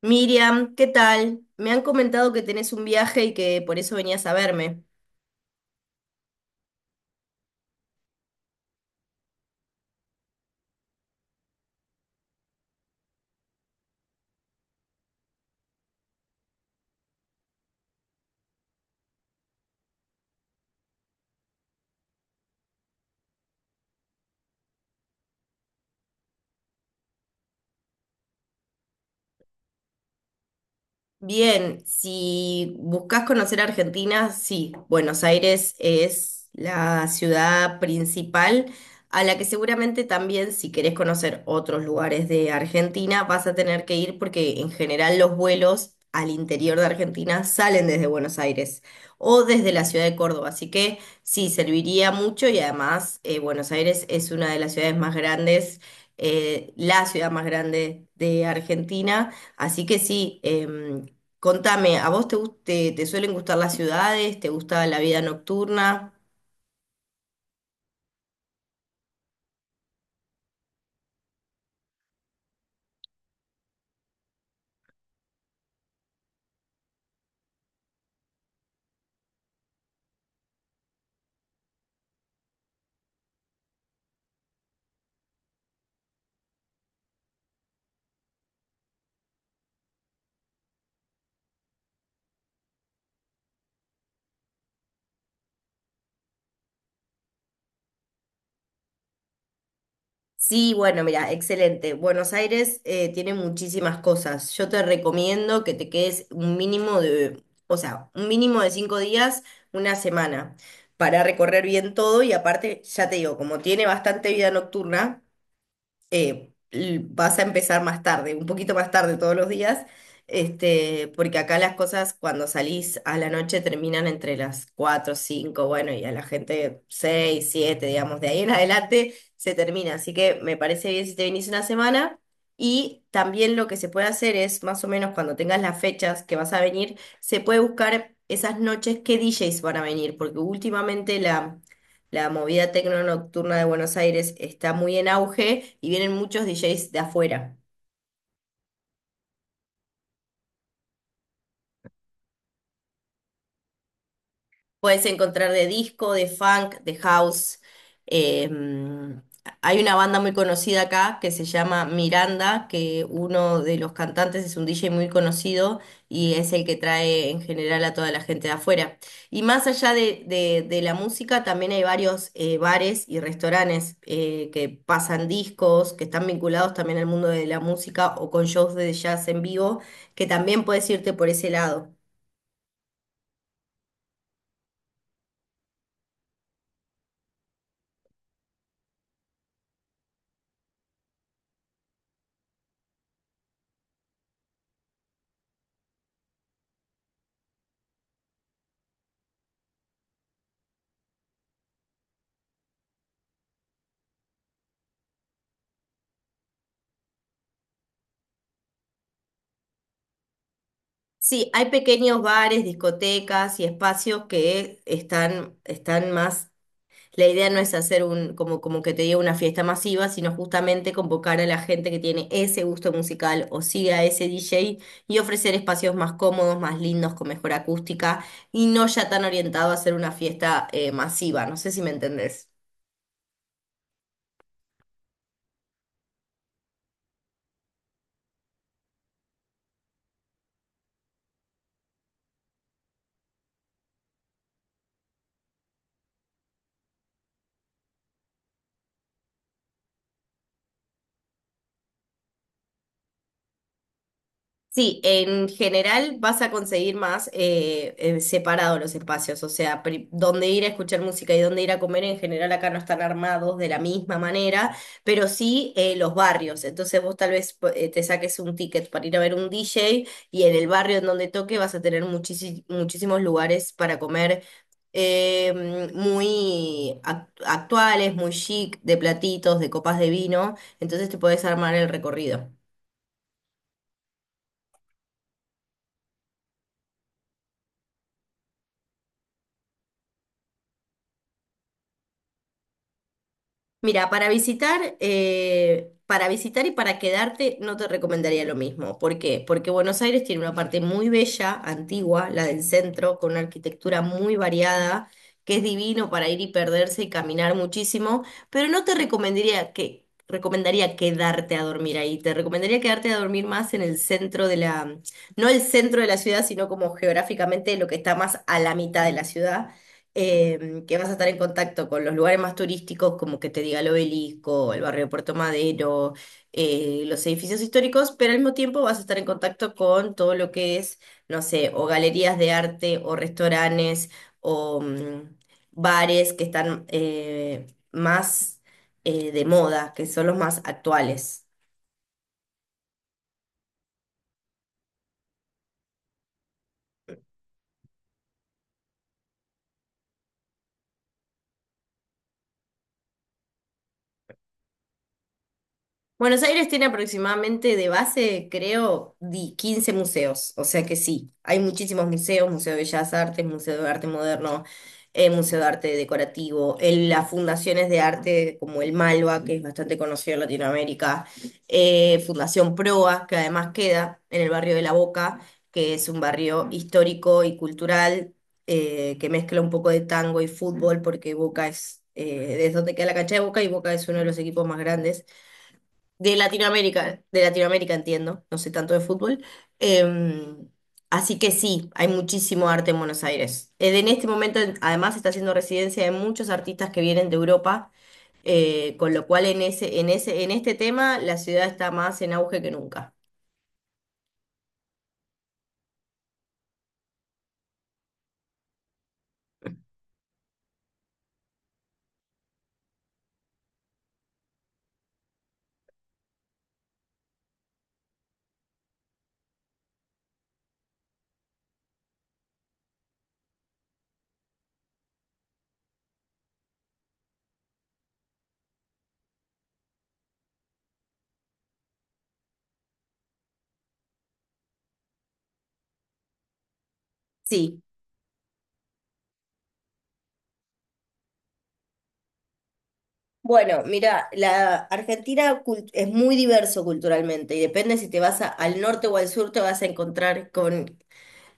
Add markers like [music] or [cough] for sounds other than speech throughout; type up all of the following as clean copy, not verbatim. Miriam, ¿qué tal? Me han comentado que tenés un viaje y que por eso venías a verme. Bien, si buscas conocer Argentina, sí, Buenos Aires es la ciudad principal a la que seguramente también si querés conocer otros lugares de Argentina vas a tener que ir porque en general los vuelos al interior de Argentina salen desde Buenos Aires o desde la ciudad de Córdoba, así que sí, serviría mucho y además Buenos Aires es una de las ciudades más grandes, la ciudad más grande de Argentina. Así que sí, contame, ¿a vos te suelen gustar las ciudades? ¿Te gusta la vida nocturna? Sí, bueno, mira, excelente. Buenos Aires tiene muchísimas cosas. Yo te recomiendo que te quedes un mínimo de, o sea, un mínimo de 5 días, una semana, para recorrer bien todo y aparte, ya te digo, como tiene bastante vida nocturna. Vas a empezar más tarde, un poquito más tarde todos los días, este, porque acá las cosas cuando salís a la noche terminan entre las 4, 5, bueno, y a la gente 6, 7, digamos, de ahí en adelante se termina. Así que me parece bien si te venís una semana. Y también lo que se puede hacer es, más o menos cuando tengas las fechas que vas a venir, se puede buscar esas noches qué DJs van a venir, porque últimamente la movida tecno nocturna de Buenos Aires está muy en auge y vienen muchos DJs de afuera. Puedes encontrar de disco, de funk, de house. Em, hay una banda muy conocida acá que se llama Miranda, que uno de los cantantes es un DJ muy conocido y es el que trae en general a toda la gente de afuera. Y más allá de la música, también hay varios bares y restaurantes que pasan discos, que están vinculados también al mundo de la música o con shows de jazz en vivo, que también puedes irte por ese lado. Sí, hay pequeños bares, discotecas y espacios que están más. La idea no es hacer un, como que te diga, una fiesta masiva, sino justamente convocar a la gente que tiene ese gusto musical o sigue a ese DJ y ofrecer espacios más cómodos, más lindos, con mejor acústica y no ya tan orientado a hacer una fiesta masiva. No sé si me entendés. Sí, en general vas a conseguir más separados los espacios, o sea, dónde ir a escuchar música y dónde ir a comer en general acá no están armados de la misma manera, pero sí los barrios. Entonces vos tal vez te saques un ticket para ir a ver un DJ y en el barrio en donde toque vas a tener muchísimos lugares para comer muy actuales, muy chic, de platitos, de copas de vino, entonces te podés armar el recorrido. Mira, para visitar y para quedarte no te recomendaría lo mismo. ¿Por qué? Porque Buenos Aires tiene una parte muy bella, antigua, la del centro, con una arquitectura muy variada, que es divino para ir y perderse y caminar muchísimo, pero no te recomendaría que recomendaría quedarte a dormir ahí. Te recomendaría quedarte a dormir más en el centro de la, no el centro de la ciudad, sino como geográficamente lo que está más a la mitad de la ciudad que vas a estar en contacto con los lugares más turísticos, como que te diga el Obelisco, el barrio de Puerto Madero, los edificios históricos, pero al mismo tiempo vas a estar en contacto con todo lo que es, no sé, o galerías de arte, o restaurantes, o bares que están más de moda, que son los más actuales. Buenos Aires tiene aproximadamente de base, creo, 15 museos, o sea que sí, hay muchísimos museos, Museo de Bellas Artes, Museo de Arte Moderno, Museo de Arte Decorativo, las fundaciones de arte como el Malva, que es bastante conocido en Latinoamérica, Fundación Proa, que además queda en el barrio de La Boca, que es un barrio histórico y cultural que mezcla un poco de tango y fútbol, porque Boca es donde queda la cancha de Boca y Boca es uno de los equipos más grandes de Latinoamérica entiendo, no sé tanto de fútbol. Em, así que sí, hay muchísimo arte en Buenos Aires. En este momento, además, está haciendo residencia de muchos artistas que vienen de Europa, con lo cual en este tema la ciudad está más en auge que nunca. Sí. Bueno, mira, la Argentina es muy diverso culturalmente y depende si te vas al norte o al sur, te vas a encontrar con.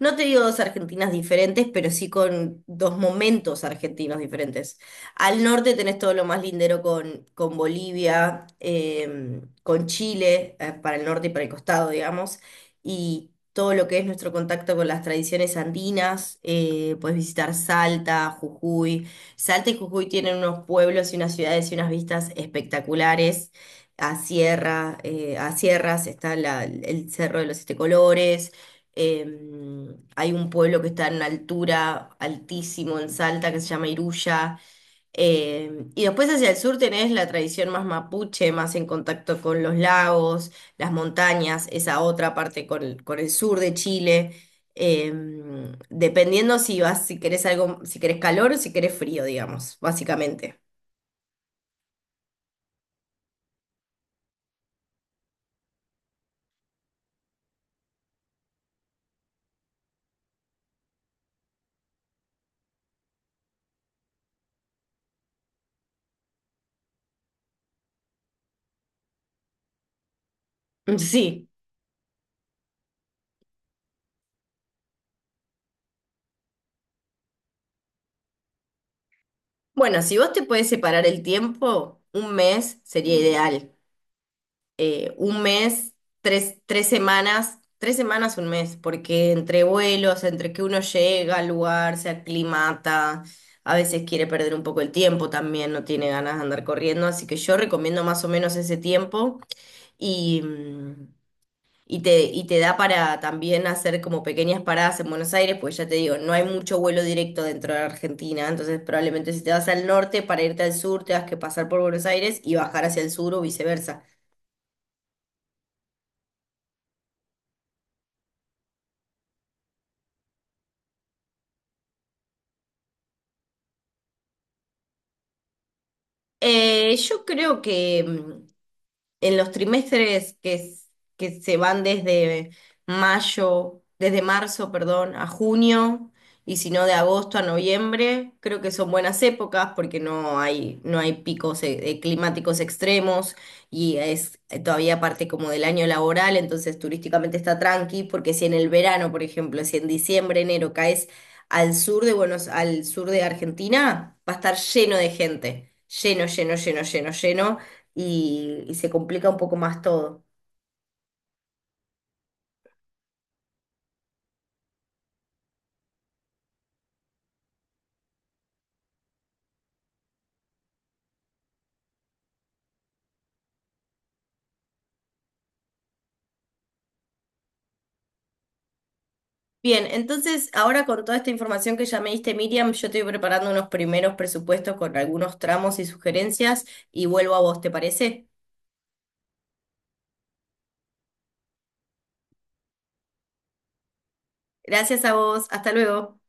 No te digo dos Argentinas diferentes, pero sí con dos momentos argentinos diferentes. Al norte tenés todo lo más lindero con Bolivia, con Chile, para el norte y para el costado, digamos, y todo lo que es nuestro contacto con las tradiciones andinas. Puedes visitar Salta, Jujuy. Salta y Jujuy tienen unos pueblos y unas ciudades y unas vistas espectaculares. A sierras está el Cerro de los Siete Colores. Hay un pueblo que está en una altura altísimo en Salta que se llama Iruya. Y después hacia el sur tenés la tradición más mapuche, más en contacto con los lagos, las montañas, esa otra parte con el sur de Chile. Dependiendo si vas, si querés algo, si querés calor o si querés frío, digamos, básicamente. [laughs] Sí. Bueno, si vos te puedes separar el tiempo, un mes sería ideal. Un mes, tres semanas, 3 semanas, un mes, porque entre vuelos, entre que uno llega al lugar, se aclimata, a veces quiere perder un poco el tiempo también, no tiene ganas de andar corriendo, así que yo recomiendo más o menos ese tiempo y, mm, y te da para también hacer como pequeñas paradas en Buenos Aires, pues ya te digo, no hay mucho vuelo directo dentro de Argentina, entonces probablemente si te vas al norte, para irte al sur, te vas que pasar por Buenos Aires y bajar hacia el sur o viceversa. Yo creo que, en los trimestres que, que se van desde mayo, desde marzo, perdón, a junio, y si no de agosto a noviembre, creo que son buenas épocas porque no hay picos climáticos extremos y es todavía parte como del año laboral, entonces turísticamente está tranqui, porque si en el verano, por ejemplo, si en diciembre, enero caes al sur de Buenos, al sur de Argentina, va a estar lleno de gente, lleno, lleno, lleno, lleno, lleno y se complica un poco más todo. Bien, entonces ahora con toda esta información que ya me diste, Miriam, yo estoy preparando unos primeros presupuestos con algunos tramos y sugerencias y vuelvo a vos, ¿te parece? Gracias a vos, hasta luego.